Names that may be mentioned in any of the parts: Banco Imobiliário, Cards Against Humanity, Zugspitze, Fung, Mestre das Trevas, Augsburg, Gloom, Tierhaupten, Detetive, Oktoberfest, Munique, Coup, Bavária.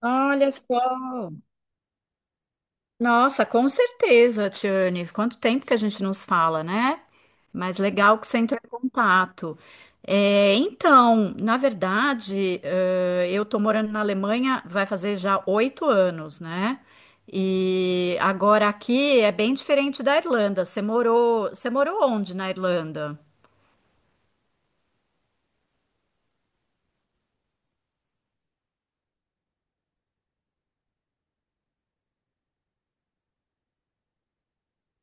Olha só. Nossa, com certeza, Tiane. Quanto tempo que a gente nos fala, né? Mas legal que você entrou em contato. É, então, na verdade, eu tô morando na Alemanha, vai fazer já 8 anos, né? E agora aqui é bem diferente da Irlanda. Você morou onde na Irlanda?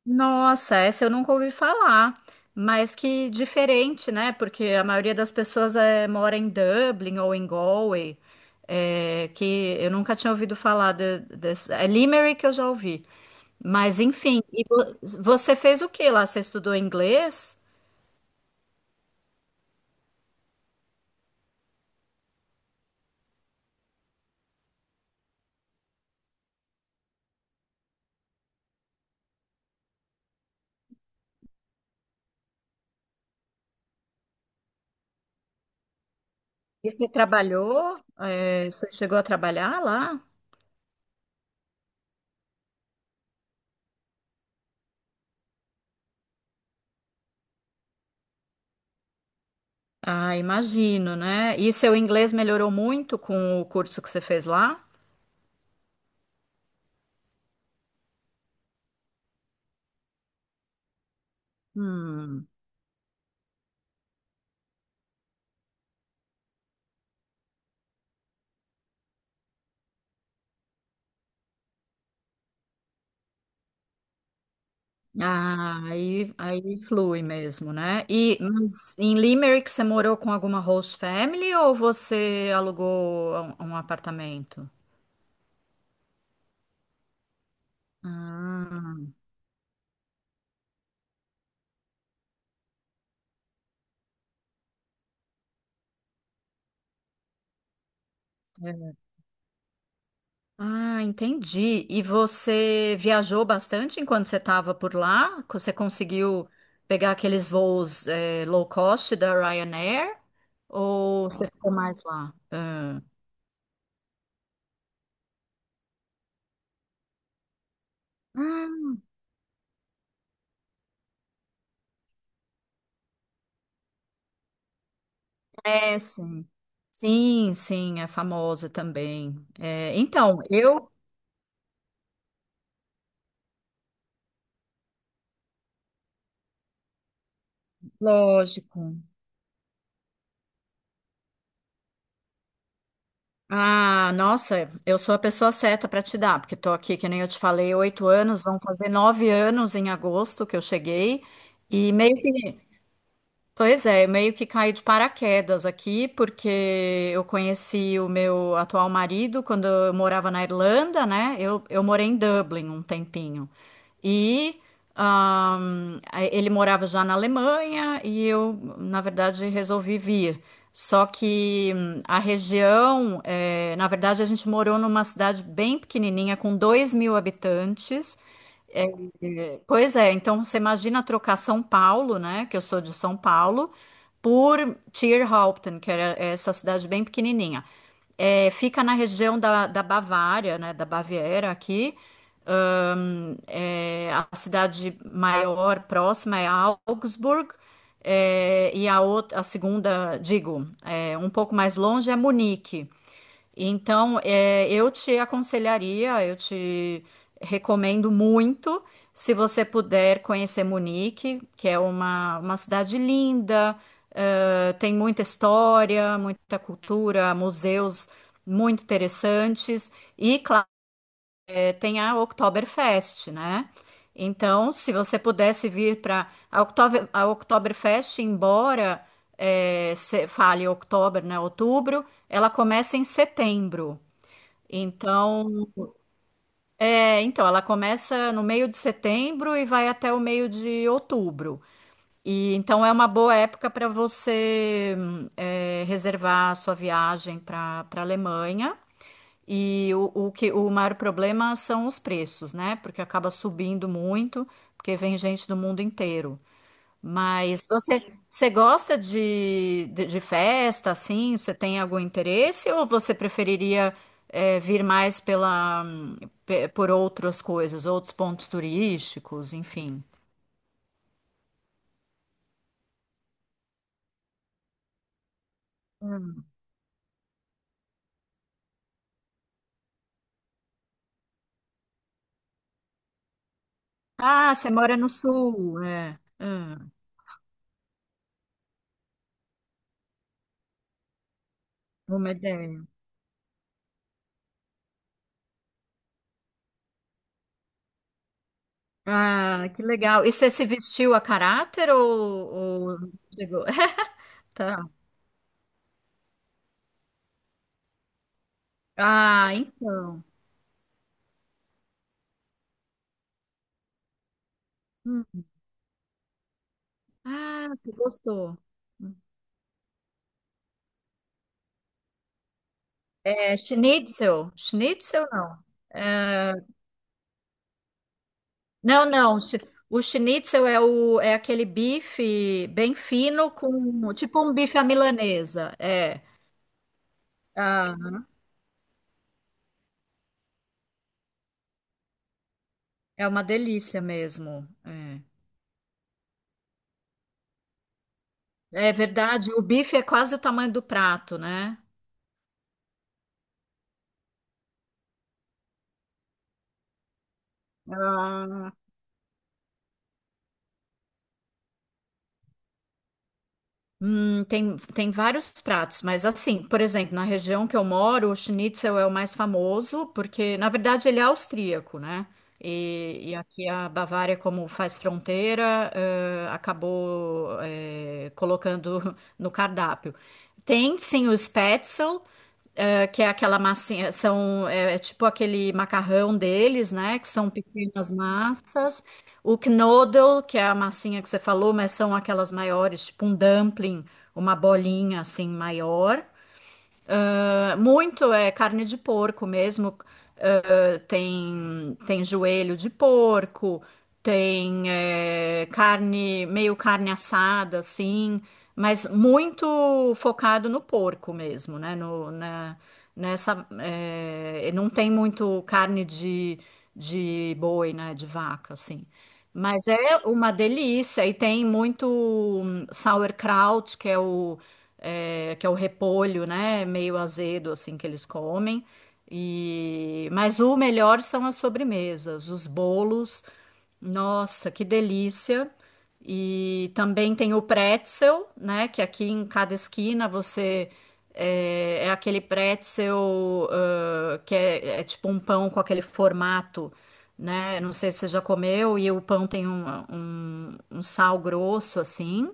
Nossa, essa eu nunca ouvi falar, mas que diferente, né? Porque a maioria das pessoas mora em Dublin ou em Galway, que eu nunca tinha ouvido falar desse. É Limerick que eu já ouvi. Mas enfim, e você fez o que lá? Você estudou inglês? E você trabalhou? Você chegou a trabalhar lá? Ah, imagino, né? E seu inglês melhorou muito com o curso que você fez lá? Hum. Ah, aí flui mesmo, né? E mas em Limerick você morou com alguma host family ou você alugou um apartamento? Ah, é. Ah, entendi. E você viajou bastante enquanto você estava por lá? Você conseguiu pegar aqueles voos low cost da Ryanair? Ou você ficou mais lá? Ah. Ah, é, sim. Sim, sim, é famosa também. É, então, eu lógico. Ah, nossa, eu sou a pessoa certa para te dar, porque estou aqui, que nem eu te falei, 8 anos, vão fazer 9 anos em agosto que eu cheguei, e meio que. Pois é, meio que caí de paraquedas aqui, porque eu conheci o meu atual marido quando eu morava na Irlanda, né? Eu morei em Dublin um tempinho. E ele morava já na Alemanha e eu, na verdade, resolvi vir. Só que a região, na verdade, a gente morou numa cidade bem pequenininha, com 2.000 habitantes. É, é, pois é, então você imagina trocar São Paulo, né, que eu sou de São Paulo, por Tierhaupten, que era essa cidade bem pequenininha. É, fica na região da Bavária, né, da Baviera aqui. É, a cidade maior próxima é Augsburg, é, e a outra, a segunda, digo, é, um pouco mais longe é Munique. Então, é, eu te aconselharia, eu te recomendo muito, se você puder conhecer Munique, que é uma cidade linda, tem muita história, muita cultura, museus muito interessantes. E, claro, tem a Oktoberfest, né? Então, se você pudesse vir para a a Oktoberfest, embora se fale outubro, né? Outubro, ela começa em setembro. Então, então, ela começa no meio de setembro e vai até o meio de outubro. E então é uma boa época para você reservar a sua viagem para Alemanha. E o que o maior problema são os preços, né? Porque acaba subindo muito, porque vem gente do mundo inteiro. Mas você gosta de festa, assim? Você tem algum interesse ou você preferiria vir mais pela, por outras coisas, outros pontos turísticos, enfim? Hum. Ah, você mora no sul, é. Uma ideia. Ah, que legal. E você se vestiu a caráter ou, ou... chegou? Tá. Ah, então. Hum. Ah, você gostou. É schnitzel. Schnitzel não. Não, não. O schnitzel é aquele bife bem fino com tipo um bife à milanesa. É. Ah, é uma delícia mesmo. É. É verdade, o bife é quase o tamanho do prato, né? Tem vários pratos, mas assim, por exemplo, na região que eu moro, o schnitzel é o mais famoso, porque na verdade ele é austríaco, né? E aqui a Bavária, como faz fronteira, acabou, colocando no cardápio. Tem sim o spätzle, que é aquela massinha, é tipo aquele macarrão deles, né? Que são pequenas massas. O Knoddle, que é a massinha que você falou, mas são aquelas maiores, tipo um dumpling, uma bolinha assim maior. Ah, muito é carne de porco mesmo tem joelho de porco, tem carne, meio carne assada, assim, mas muito focado no porco mesmo, né? Não tem muito carne de boi, né? De vaca, assim. Mas é uma delícia e tem muito sauerkraut, que é o repolho, né? Meio azedo, assim, que eles comem. Mas o melhor são as sobremesas, os bolos. Nossa, que delícia! E também tem o pretzel, né? Que aqui em cada esquina é aquele pretzel que é tipo um pão com aquele formato, né? Não sei se você já comeu, e o pão tem um sal grosso assim.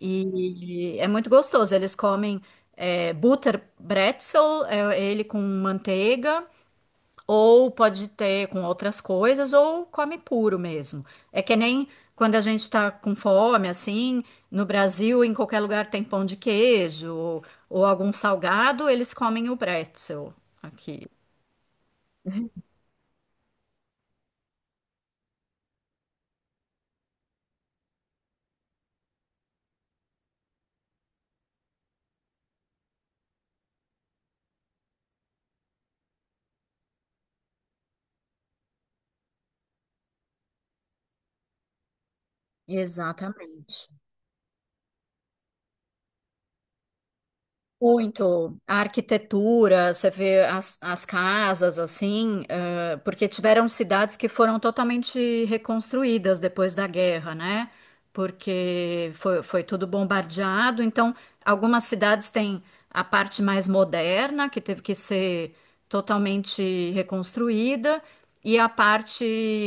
E é muito gostoso. Eles comem Butterbrezel, é ele com manteiga, ou pode ter com outras coisas, ou come puro mesmo. É que nem quando a gente tá com fome, assim, no Brasil, em qualquer lugar tem pão de queijo ou algum salgado, eles comem o bretzel aqui. Exatamente. Muito. A arquitetura, você vê as casas assim. Porque tiveram cidades que foram totalmente reconstruídas depois da guerra, né? Porque foi tudo bombardeado. Então, algumas cidades têm a parte mais moderna, que teve que ser totalmente reconstruída, e a parte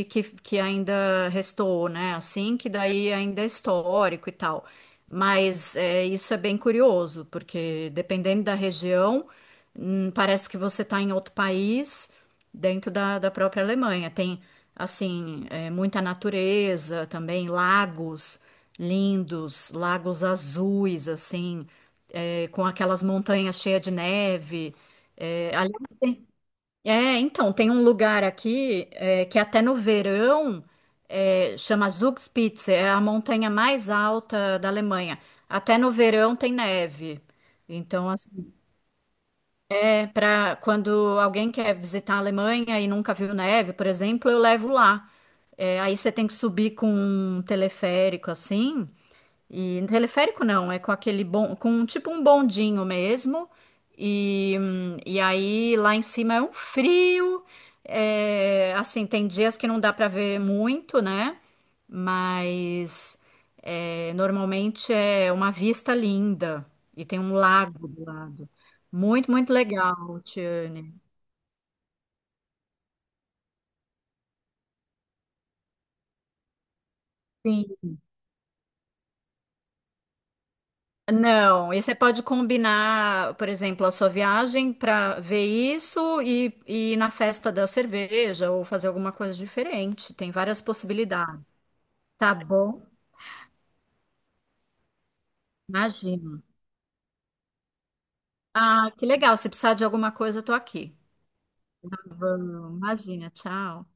que ainda restou, né? Assim, que daí ainda é histórico e tal. Mas é, isso é bem curioso, porque dependendo da região, parece que você está em outro país dentro da própria Alemanha. Tem, assim, é, muita natureza também, lagos lindos, lagos azuis, assim, é, com aquelas montanhas cheias de neve. É, aliás, tem- é, então, tem um lugar aqui que até no verão chama Zugspitze, é a montanha mais alta da Alemanha. Até no verão tem neve. Então, assim, é, para quando alguém quer visitar a Alemanha e nunca viu neve, por exemplo, eu levo lá. É, aí você tem que subir com um teleférico assim. E teleférico não, é com aquele com tipo um bondinho mesmo. E aí lá em cima é um frio. É, assim, tem dias que não dá para ver muito, né? Mas é, normalmente é uma vista linda e tem um lago do lado. Muito, muito legal, Tiane. Sim. Não, e você pode combinar, por exemplo, a sua viagem para ver isso e ir na festa da cerveja ou fazer alguma coisa diferente. Tem várias possibilidades. Tá bom? Imagina. Ah, que legal. Se precisar de alguma coisa, eu tô aqui. Tá bom, Imagina, tchau.